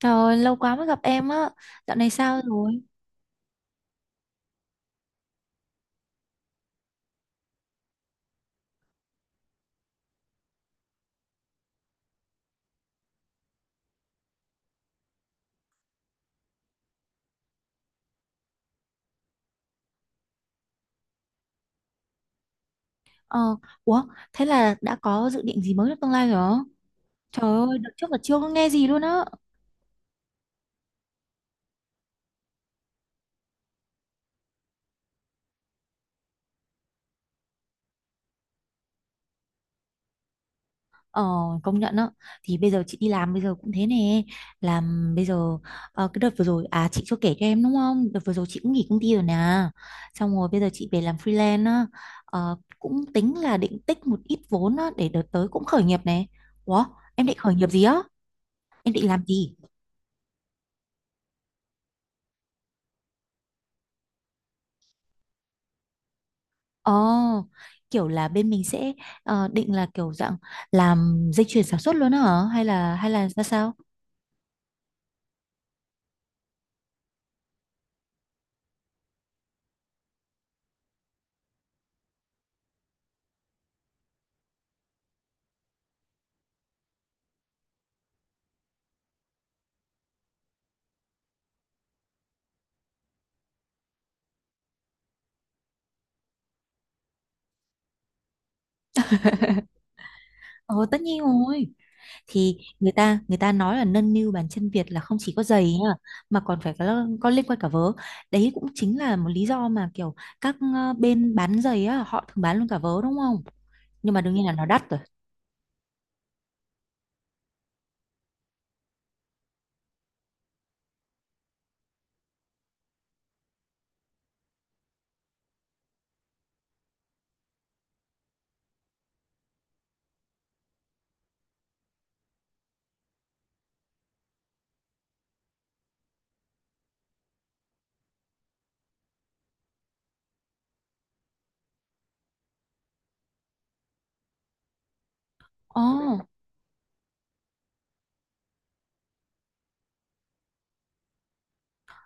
Trời ơi, lâu quá mới gặp em á. Dạo này sao rồi? Ờ, ủa, thế là đã có dự định gì mới trong tương lai rồi hả? Trời ơi, đợt trước là chưa có nghe gì luôn á. Ờ, công nhận á. Thì bây giờ chị đi làm bây giờ cũng thế nè. Làm bây giờ, cái đợt vừa rồi, à chị chưa kể cho em đúng không? Đợt vừa rồi chị cũng nghỉ công ty rồi nè. Xong rồi bây giờ chị về làm freelance á. Cũng tính là định tích một ít vốn á, để đợt tới cũng khởi nghiệp này. Ủa, em định khởi nghiệp gì á? Em định làm gì? Ồ, kiểu là bên mình sẽ định là kiểu dạng làm dây chuyền sản xuất luôn hả? Hay là ra sao? Ồ, tất nhiên rồi. Thì người ta nói là nâng niu bàn chân Việt là không chỉ có giày nha, mà còn phải có liên quan cả vớ. Đấy cũng chính là một lý do mà kiểu các bên bán giày á, họ thường bán luôn cả vớ đúng không? Nhưng mà đương nhiên là nó đắt rồi. Ồ.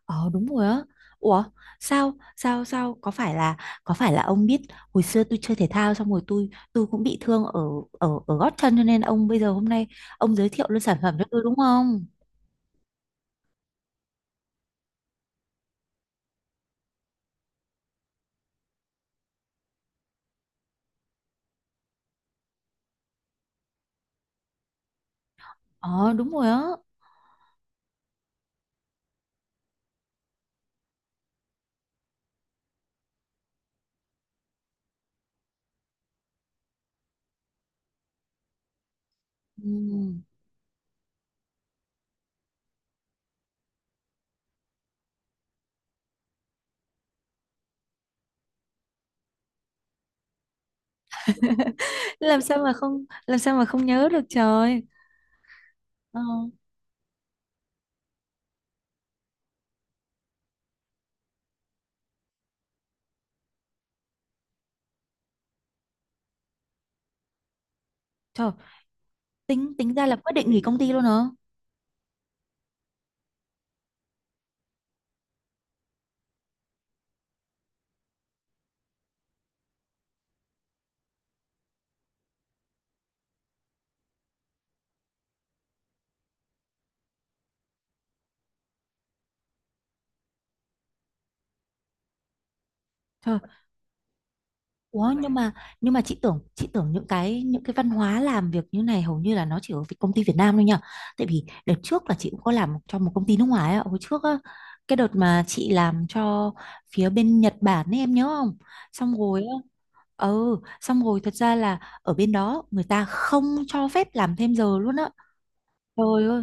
Ờ đúng rồi á. Ủa sao sao sao có phải là ông biết hồi xưa tôi chơi thể thao xong rồi tôi cũng bị thương ở ở ở gót chân cho nên ông bây giờ hôm nay ông giới thiệu luôn sản phẩm cho tôi đúng không? Ờ đúng rồi á. Ừ. Làm sao mà không nhớ được trời. Ờ, trời tính tính ra là quyết định nghỉ công ty luôn hả? Trời. Ủa nhưng mà chị tưởng những cái văn hóa làm việc như này hầu như là nó chỉ ở công ty Việt Nam thôi nhỉ? Tại vì đợt trước là chị cũng có làm cho một công ty nước ngoài á, hồi trước á, cái đợt mà chị làm cho phía bên Nhật Bản ấy em nhớ không? Xong rồi á, xong rồi thật ra là ở bên đó người ta không cho phép làm thêm giờ luôn á. Trời ơi.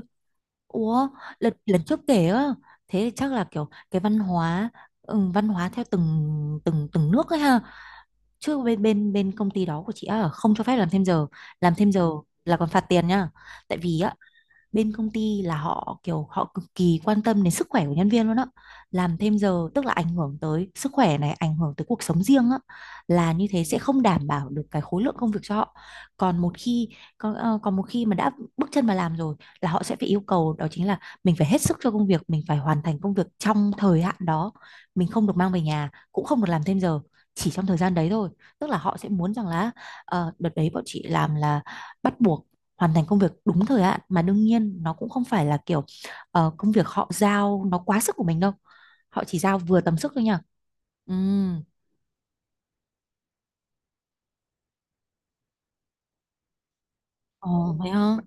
Ủa, lần lần trước kể á, thế thì chắc là kiểu cái văn hóa văn hóa theo từng từng từng nước ấy ha, chứ bên bên bên công ty đó của chị á không cho phép làm thêm giờ. Làm thêm giờ là còn phạt tiền nhá, tại vì á bên công ty là họ kiểu họ cực kỳ quan tâm đến sức khỏe của nhân viên luôn á. Làm thêm giờ tức là ảnh hưởng tới sức khỏe này, ảnh hưởng tới cuộc sống riêng á, là như thế sẽ không đảm bảo được cái khối lượng công việc cho họ. Còn một khi còn một khi mà đã bước chân vào làm rồi là họ sẽ phải yêu cầu đó chính là mình phải hết sức cho công việc, mình phải hoàn thành công việc trong thời hạn đó, mình không được mang về nhà cũng không được làm thêm giờ, chỉ trong thời gian đấy thôi. Tức là họ sẽ muốn rằng là đợt đấy bọn chị làm là bắt buộc hoàn thành công việc đúng thời hạn, mà đương nhiên nó cũng không phải là kiểu công việc họ giao nó quá sức của mình đâu, họ chỉ giao vừa tầm sức thôi nha. Ừ. Ồ vậy hả.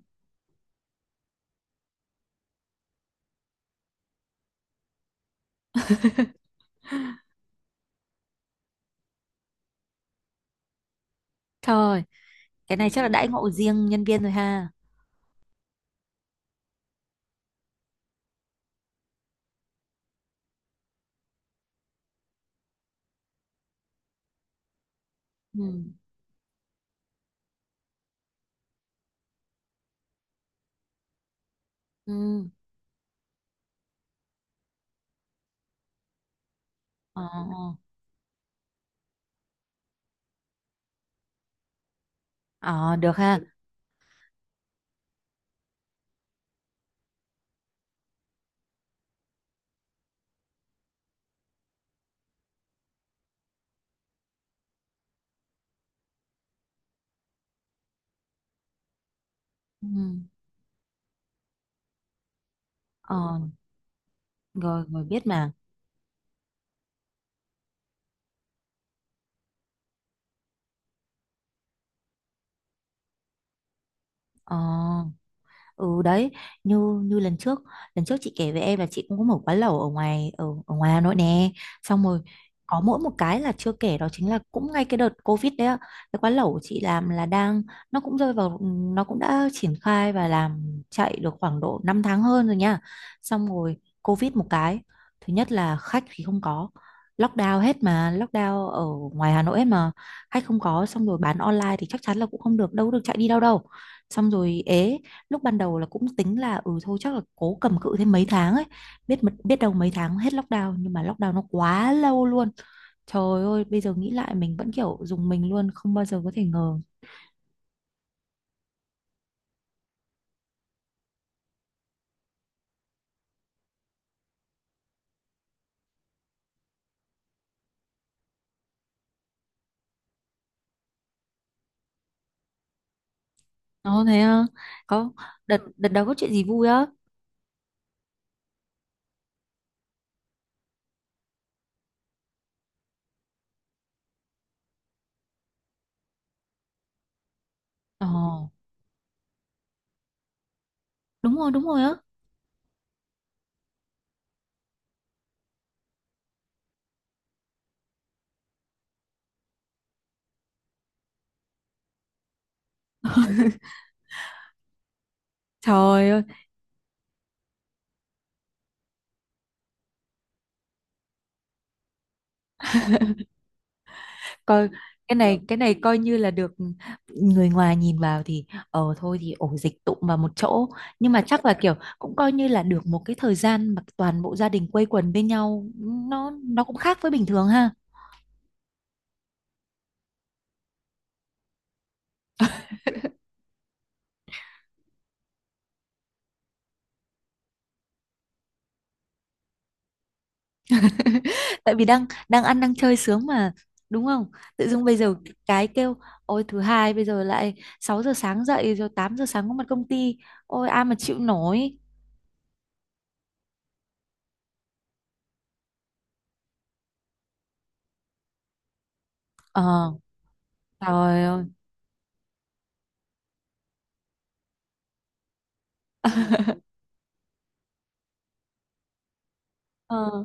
Trời, cái này chắc là đãi ngộ riêng nhân viên rồi ha. Ừ. Ừ. ờ ờ, được ha. Ừ. Ờ, rồi rồi biết mà. Ờ. Ừ đấy. Như như lần trước chị kể với em là chị cũng có mở quán lẩu ở ngoài ở, ở ngoài Hà Nội nè, xong rồi có mỗi một cái là chưa kể đó chính là cũng ngay cái đợt Covid đấy ạ. Cái quán lẩu của chị làm là đang, nó cũng rơi vào, nó cũng đã triển khai và làm chạy được khoảng độ 5 tháng hơn rồi nha. Xong rồi Covid một cái, thứ nhất là khách thì không có, lockdown hết mà, lockdown ở ngoài Hà Nội hết mà, khách không có. Xong rồi bán online thì chắc chắn là cũng không được, đâu có được chạy đi đâu đâu. Xong rồi ế, lúc ban đầu là cũng tính là ừ thôi chắc là cố cầm cự thêm mấy tháng ấy, biết đâu mấy tháng hết lockdown, nhưng mà lockdown nó quá lâu luôn. Trời ơi, bây giờ nghĩ lại mình vẫn kiểu dùng mình luôn, không bao giờ có thể ngờ. Ồ thế á? Có đợt đợt đó có chuyện gì vui á? Ồ đúng rồi, đúng rồi á. Trời ơi. Coi cái, ờ, này cái này coi như là được, người ngoài nhìn vào thì thôi thì ổ dịch tụm vào một chỗ, nhưng mà chắc là kiểu cũng coi như là được một cái thời gian mà toàn bộ gia đình quây quần bên nhau, nó cũng khác với bình thường ha. Tại vì đang đang ăn đang chơi sướng mà, đúng không? Tự dưng bây giờ cái kêu ôi thứ hai bây giờ lại 6 giờ sáng dậy rồi 8 giờ sáng có mặt công ty, ôi ai mà chịu nổi. Ờ. Trời ơi. ờ,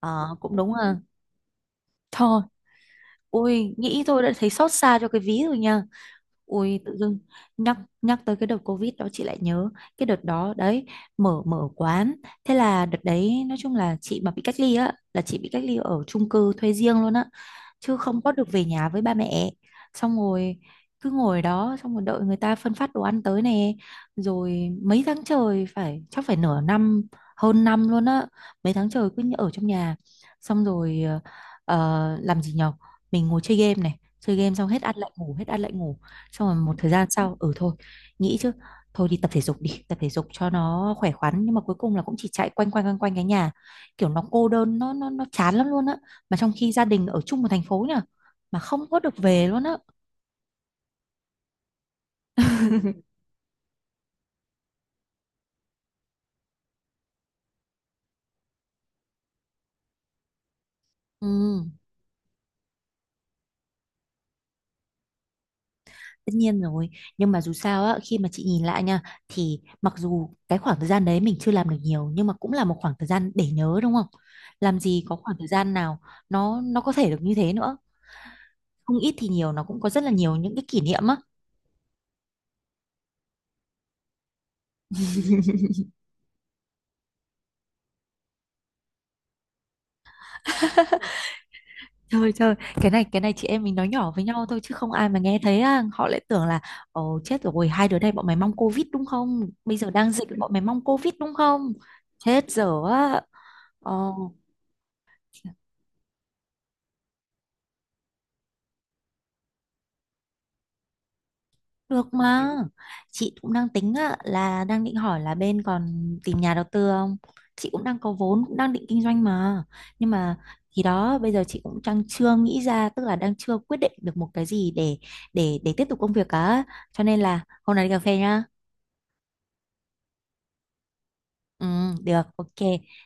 ờ cũng đúng à. Thôi, ui nghĩ thôi đã thấy xót xa cho cái ví rồi nha. Ui tự dưng nhắc nhắc tới cái đợt Covid đó chị lại nhớ cái đợt đó đấy, mở mở quán. Thế là đợt đấy nói chung là chị mà bị cách ly á là chị bị cách ly ở chung cư thuê riêng luôn á, chứ không có được về nhà với ba mẹ. Xong rồi cứ ngồi đó xong rồi đợi người ta phân phát đồ ăn tới nè, rồi mấy tháng trời, phải chắc phải nửa năm, hơn năm luôn á, mấy tháng trời cứ ở trong nhà. Xong rồi, làm gì nhở, mình ngồi chơi game này, chơi game xong hết ăn lại ngủ, hết ăn lại ngủ. Xong rồi một thời gian sau ừ thôi nghĩ chứ, thôi đi tập thể dục, đi tập thể dục cho nó khỏe khoắn, nhưng mà cuối cùng là cũng chỉ chạy quanh quanh quanh quanh cái nhà, kiểu nó cô đơn, nó chán lắm luôn á. Mà trong khi gia đình ở chung một thành phố nhở, mà không có được về luôn á. Ừ, tất nhiên rồi. Nhưng mà dù sao á, khi mà chị nhìn lại nha, thì mặc dù cái khoảng thời gian đấy mình chưa làm được nhiều, nhưng mà cũng là một khoảng thời gian để nhớ đúng không? Làm gì có khoảng thời gian nào nó có thể được như thế nữa. Không ít thì nhiều nó cũng có rất là nhiều những cái kỷ niệm á. Trời trời, cái này chị em mình nói nhỏ với nhau thôi chứ không ai mà nghe thấy á, họ lại tưởng là ồ chết rồi, hai đứa này bọn mày mong Covid đúng không? Bây giờ đang dịch bọn mày mong Covid đúng không? Chết dở á. Ồ, được mà. Chị cũng đang tính á là đang định hỏi là bên còn tìm nhà đầu tư không? Chị cũng đang có vốn, cũng đang định kinh doanh mà. Nhưng mà thì đó, bây giờ chị cũng đang chưa nghĩ ra, tức là đang chưa quyết định được một cái gì để tiếp tục công việc cả, cho nên là hôm nay đi cà phê nhá. Ừ, được, ok.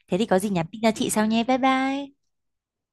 Thế thì có gì nhắn tin cho chị sau nhé. Bye bye.